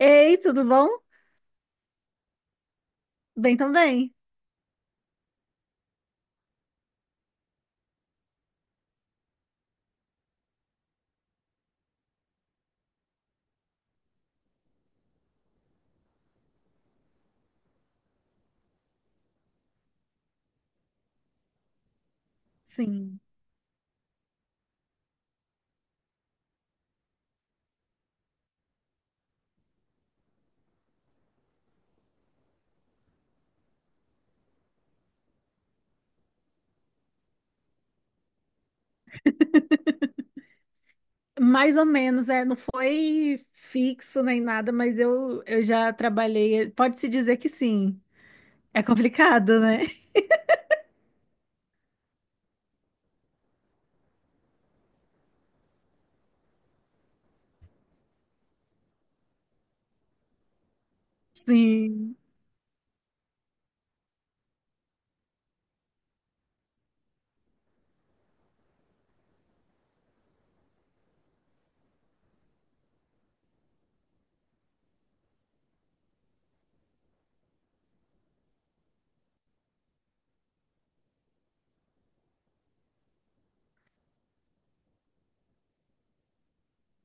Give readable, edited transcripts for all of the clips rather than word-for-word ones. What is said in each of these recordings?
Ei, tudo bom? Bem também. Sim. Mais ou menos, não foi fixo nem nada, mas eu já trabalhei. Pode-se dizer que sim. É complicado, né? Sim.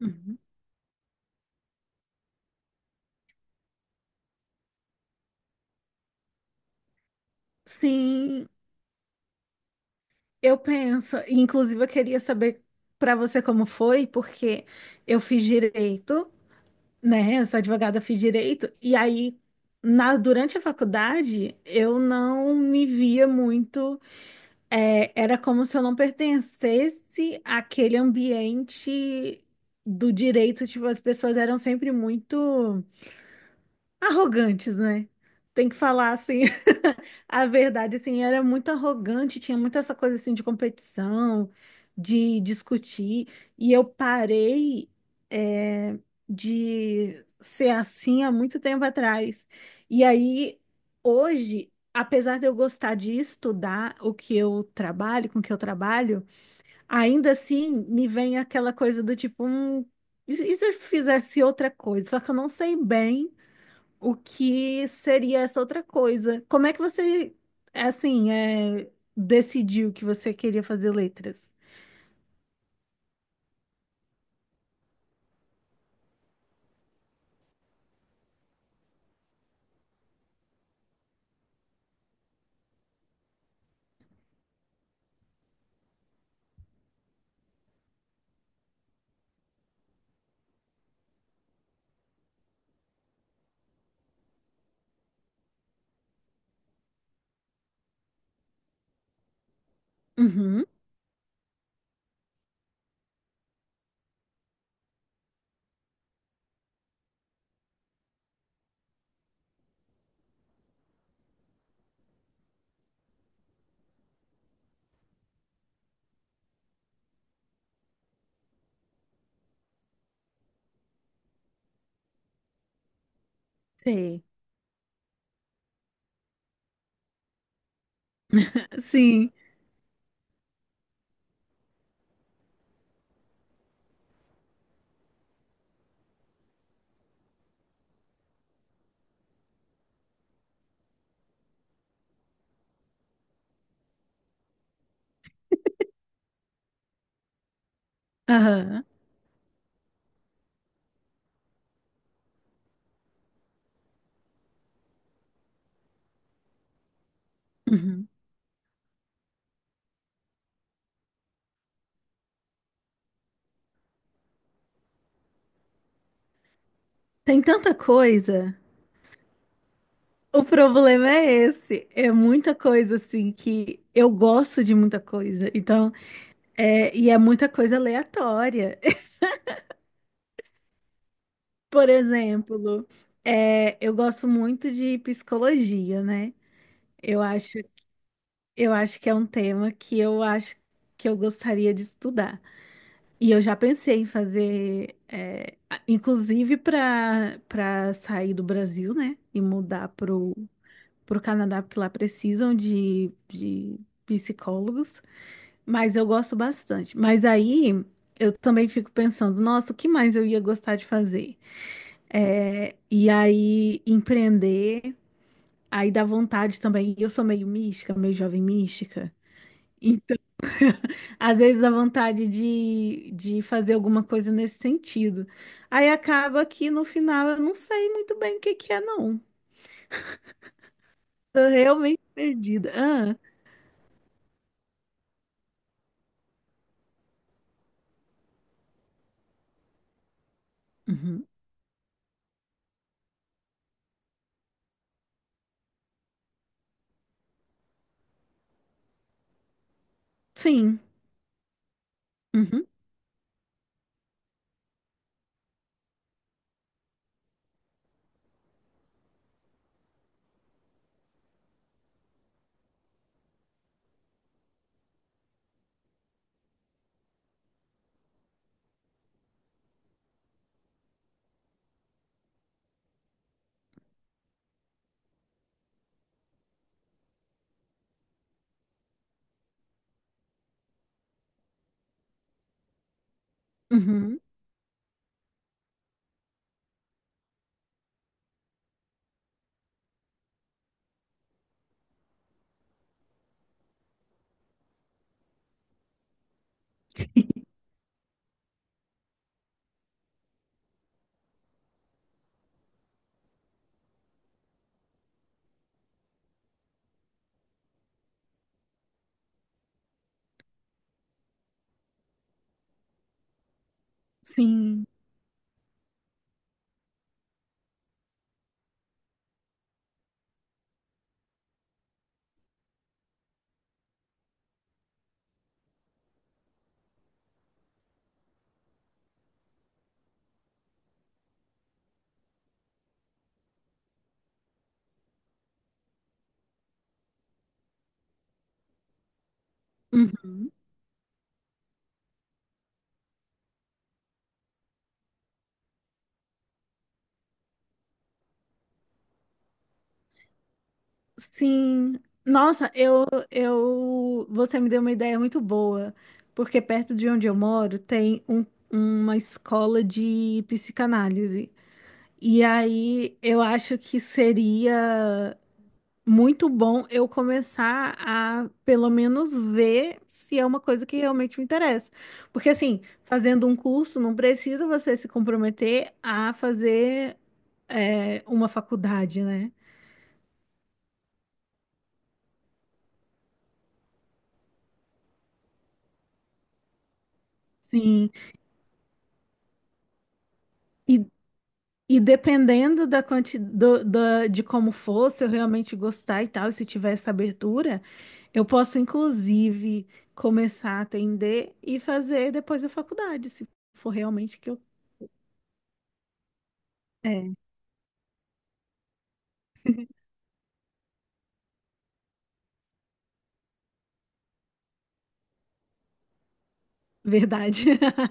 Uhum. Sim, eu penso. Inclusive, eu queria saber para você como foi, porque eu fiz direito, né? Eu sou advogada, fiz direito, e aí, durante a faculdade, eu não me via muito. É, era como se eu não pertencesse àquele ambiente do direito, tipo, as pessoas eram sempre muito arrogantes, né? Tem que falar assim, a verdade, assim, era muito arrogante, tinha muito essa coisa assim de competição, de discutir, e eu parei é, de ser assim há muito tempo atrás. E aí, hoje, apesar de eu gostar de estudar o que eu trabalho, com o que eu trabalho, ainda assim me vem aquela coisa do tipo, e se eu fizesse outra coisa? Só que eu não sei bem o que seria essa outra coisa. Como é que você, assim, decidiu que você queria fazer letras? Uhum, sei. Sim. Aham. Uhum. Tem tanta coisa. O problema é esse. É muita coisa, assim, que eu gosto de muita coisa. Então, e é muita coisa aleatória. Por exemplo, eu gosto muito de psicologia, né? Eu acho Eu acho que é um tema que eu acho que eu gostaria de estudar. E eu já pensei em fazer, inclusive para sair do Brasil, né? E mudar pro Canadá, porque lá precisam de psicólogos. Mas eu gosto bastante. Mas aí eu também fico pensando, nossa, o que mais eu ia gostar de fazer? E aí empreender, aí dá vontade também. Eu sou meio mística, meio jovem mística. Às vezes a vontade de fazer alguma coisa nesse sentido. Aí acaba que no final eu não sei muito bem o que que é, não. Tô realmente perdida. Ah, uhum. Sim. Uhum. Uhum. Sim. Uhum. Sim. Nossa, você me deu uma ideia muito boa, porque perto de onde eu moro tem uma escola de psicanálise. E aí eu acho que seria muito bom eu começar a, pelo menos, ver se é uma coisa que realmente me interessa. Porque, assim, fazendo um curso, não precisa você se comprometer a fazer, uma faculdade, né? Sim. E, e dependendo da quanti do da de como for, se eu realmente gostar e tal, e se tiver essa abertura, eu posso, inclusive, começar a atender e fazer depois a faculdade, se for realmente que eu. É, verdade.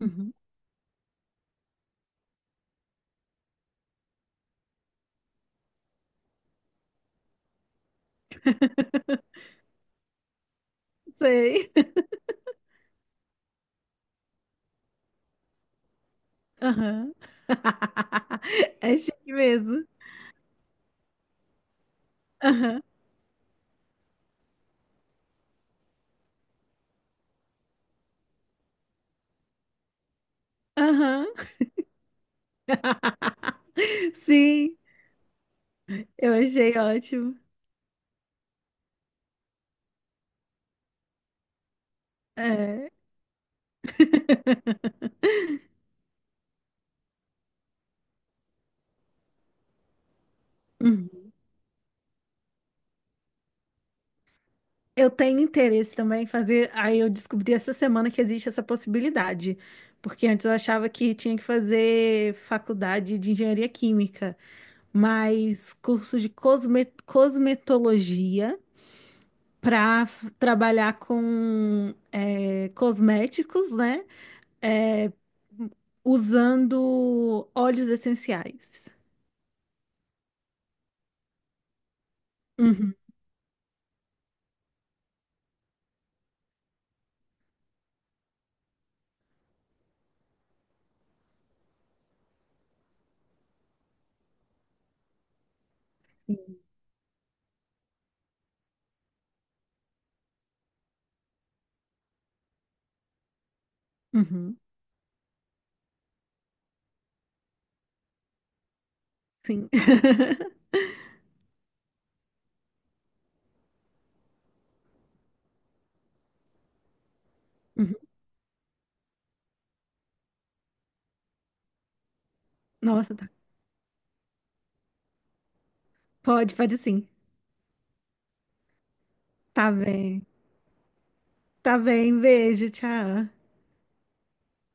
Uhum. Sei. Aham. É chique mesmo. Aham. Aham. Sim, eu achei ótimo. É. Uhum. Eu tenho interesse também em fazer. Aí eu descobri essa semana que existe essa possibilidade. Porque antes eu achava que tinha que fazer faculdade de engenharia química, mas curso de cosmetologia para trabalhar com cosméticos, né? é, Usando óleos essenciais. Uhum, uhum, sim. Uhum. Nossa, tá. Pode, pode sim. Tá bem. Tá bem, beijo, tchau.